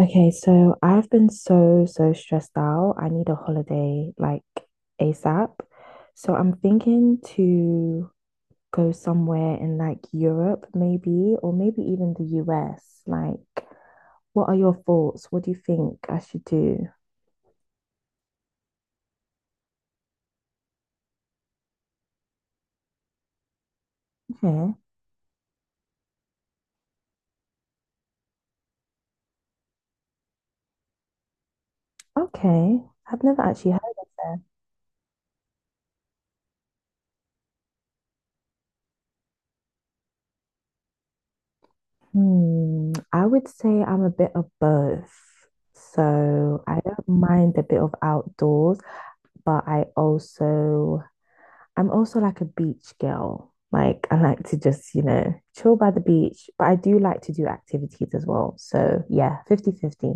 Okay, so I've been so, so stressed out. I need a holiday like ASAP. So I'm thinking to go somewhere in like Europe, maybe, or maybe even the US. Like, what are your thoughts? What do you think I should do? Okay. Okay. I've never actually heard of that. Hmm. I would say I'm a bit of both. So I don't mind a bit of outdoors, but I'm also like a beach girl. Like I like to just, chill by the beach, but I do like to do activities as well. So yeah, fifty-fifty.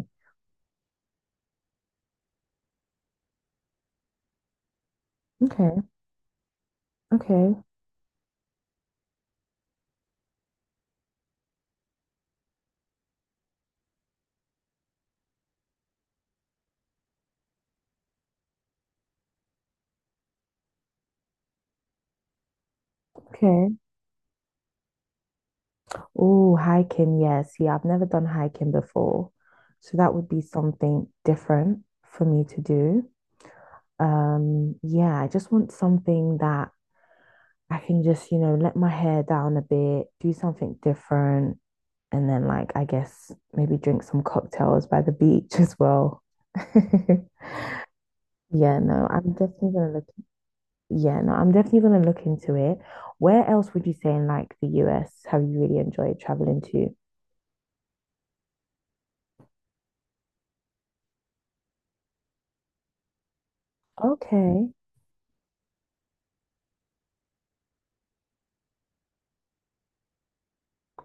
Okay, okay, okay. Oh, hiking. Yes. Yeah, see, I've never done hiking before. So that would be something different for me to do. Yeah, I just want something that I can just, let my hair down a bit, do something different, and then like I guess maybe drink some cocktails by the beach as well. Yeah, no, I'm definitely gonna look. Yeah, no, I'm definitely gonna look into it. Where else would you say in like the US have you really enjoyed traveling to? Okay,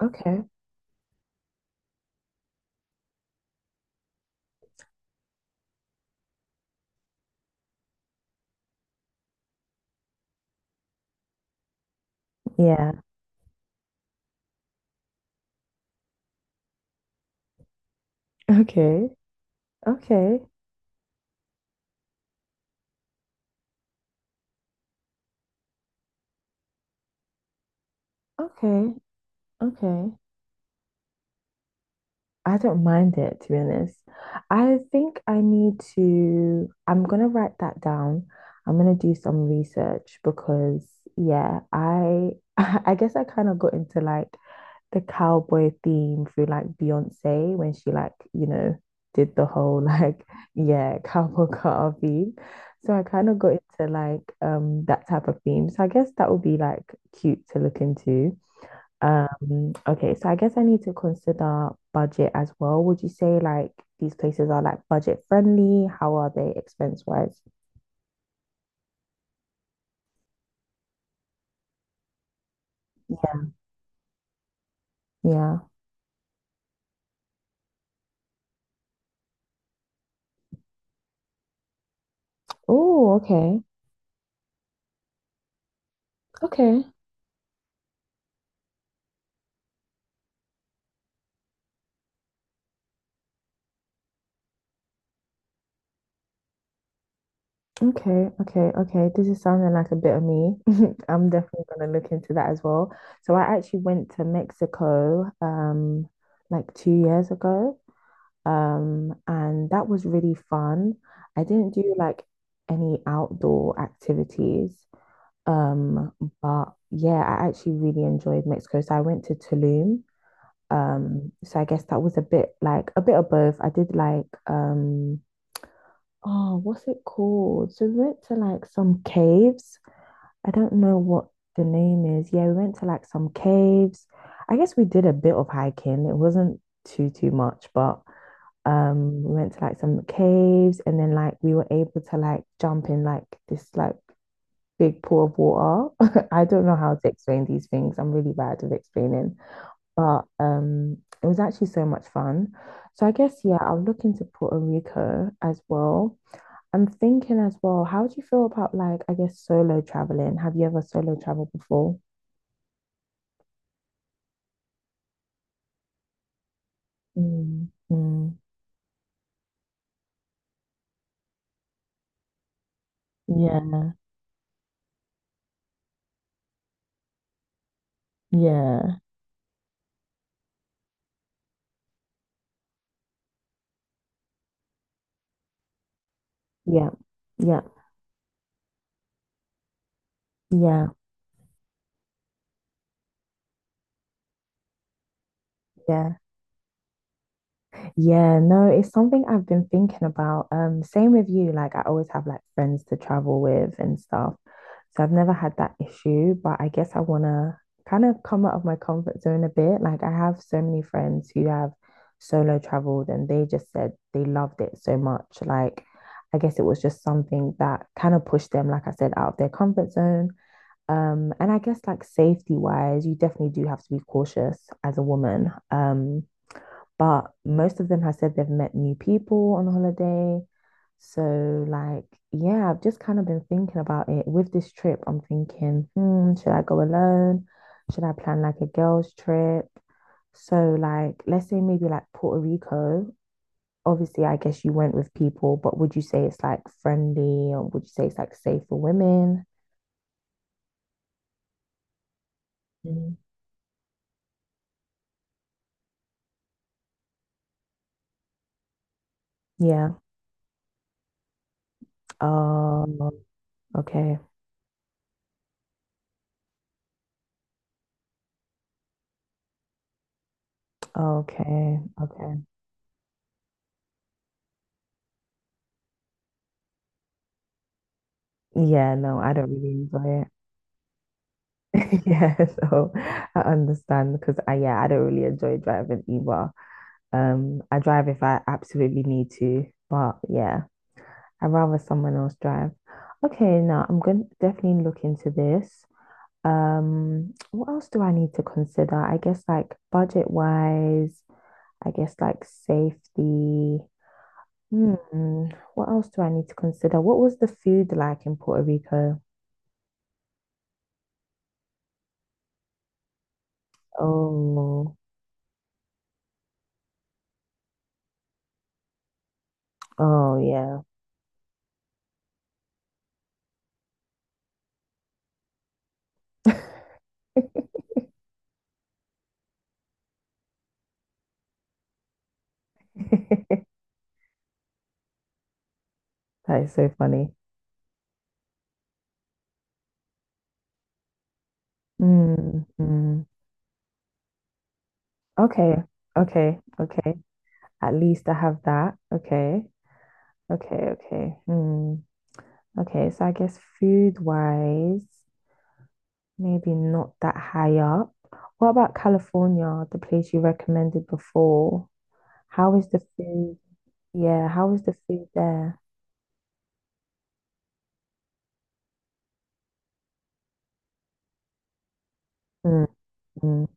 okay. Yeah. Okay, okay, okay, okay. I don't mind it, to be honest. I think I need to, I'm gonna write that down. I'm gonna do some research because yeah, I I guess I kind of got into like the cowboy theme through like Beyonce when she like, did the whole like yeah, cowboy car theme. So I kind of got into like that type of theme. So I guess that would be like cute to look into. Okay, so I guess I need to consider budget as well. Would you say like these places are like budget friendly? How are they expense wise? Yeah. Yeah. Oh, okay. Okay. Okay. Okay. Okay. This is sounding like a bit of me. I'm definitely gonna look into that as well. So I actually went to Mexico like 2 years ago. And that was really fun. I didn't do like any outdoor activities. Um, but yeah, I actually really enjoyed Mexico. So I went to Tulum. So I guess that was a bit of both. I did oh, what's it called? So we went to like some caves. I don't know what the name is. Yeah, we went to like some caves. I guess we did a bit of hiking. It wasn't too much, but we went to like some caves and then like we were able to like jump in like this like big pool of water. I don't know how to explain these things. I'm really bad at explaining, but it was actually so much fun. So I guess yeah, I'm looking to Puerto Rico as well. I'm thinking as well. How do you feel about like I guess solo traveling? Have you ever solo traveled before? Mm, mm, yeah, yeah, yeah, yeah, yeah, yeah. Yeah, no, it's something I've been thinking about. Same with you. Like I always have like friends to travel with and stuff. So I've never had that issue, but I guess I wanna kind of come out of my comfort zone a bit. Like I have so many friends who have solo traveled and they just said they loved it so much. Like I guess it was just something that kind of pushed them, like I said, out of their comfort zone. And I guess like safety wise, you definitely do have to be cautious as a woman. But most of them have said they've met new people on holiday. So, like, yeah, I've just kind of been thinking about it. With this trip, I'm thinking, should I go alone? Should I plan like a girls' trip? So, like, let's say maybe like Puerto Rico. Obviously, I guess you went with people, but would you say it's like friendly or would you say it's like safe for women? Mm. Yeah. Um, okay. Okay. Okay. Yeah, no, I don't really enjoy it. Yeah, so I understand because I don't really enjoy driving either. I drive if I absolutely need to, but yeah, I'd rather someone else drive. Okay, now I'm going to definitely look into this. What else do I need to consider? I guess like budget wise, I guess like safety. Hmm, what else do I need to consider? What was the food like in Puerto Rico? Oh, oh yeah. That is so funny. Mm, mm. Okay, okay, okay. At least I have that. Okay, okay, okay. Hmm. Okay, so I guess food wise, maybe not that high up. What about California, the place you recommended before? How is the food? Yeah, how is the food there? Mm, mm.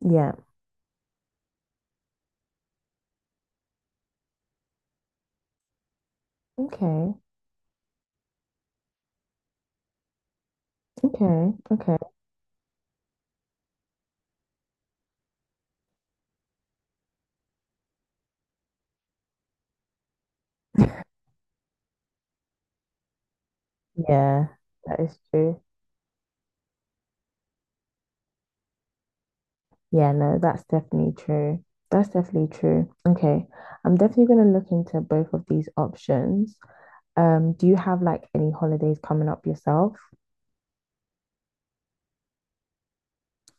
Yeah. Okay, okay, okay. Yeah, that is true. Yeah, no, that's definitely true. That's definitely true. Okay. I'm definitely going to look into both of these options. Do you have like any holidays coming up yourself?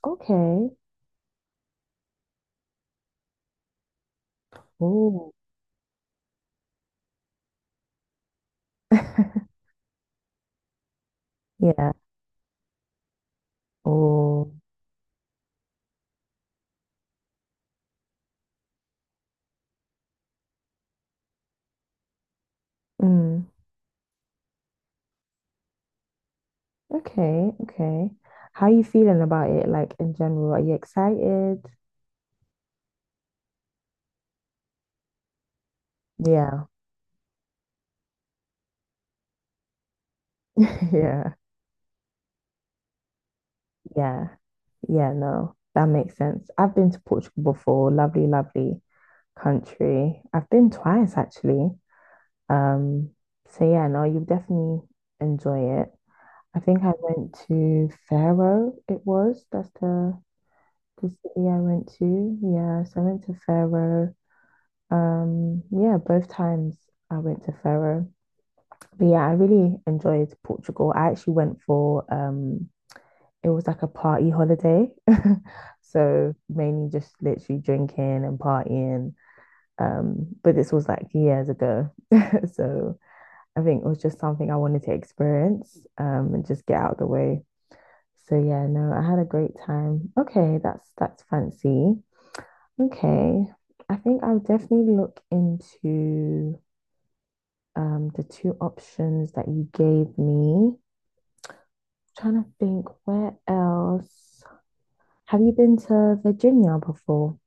Okay. Oh. Yeah. Oh. Mm. Okay. Okay. How are you feeling about it? Like in general, are you excited? Yeah. Yeah. Yeah. Yeah, no, that makes sense. I've been to Portugal before. Lovely, lovely country. I've been twice actually. Um, so yeah, no, you definitely enjoy it. I think I went to Faro, it was. That's the city I went to. Yeah, so I went to Faro. Yeah, both times I went to Faro. But yeah, I really enjoyed Portugal. I actually went for it was like a party holiday. So mainly just literally drinking and partying. But this was like years ago. So I think it was just something I wanted to experience and just get out of the way. So yeah, no, I had a great time. Okay, that's fancy. Okay, I think I'll definitely look into the two options that you gave me. I'm trying to think where else. Have you been to Virginia before?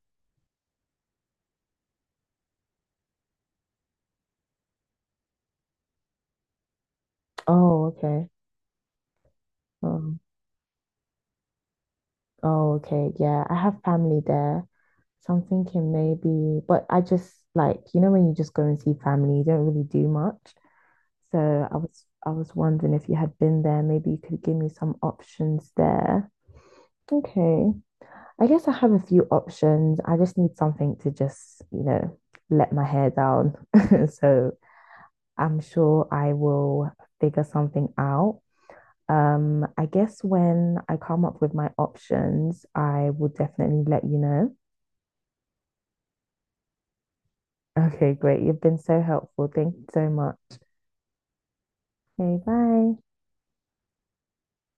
Oh, okay. Oh. Oh, okay. Yeah, I have family there. So I'm thinking maybe, but I just like, when you just go and see family, you don't really do much. So I was wondering if you had been there, maybe you could give me some options there. Okay. I guess I have a few options. I just need something to just, let my hair down. So I'm sure I will figure something out. I guess when I come up with my options, I will definitely let you know. Okay, great. You've been so helpful. Thank you so much. Okay, bye.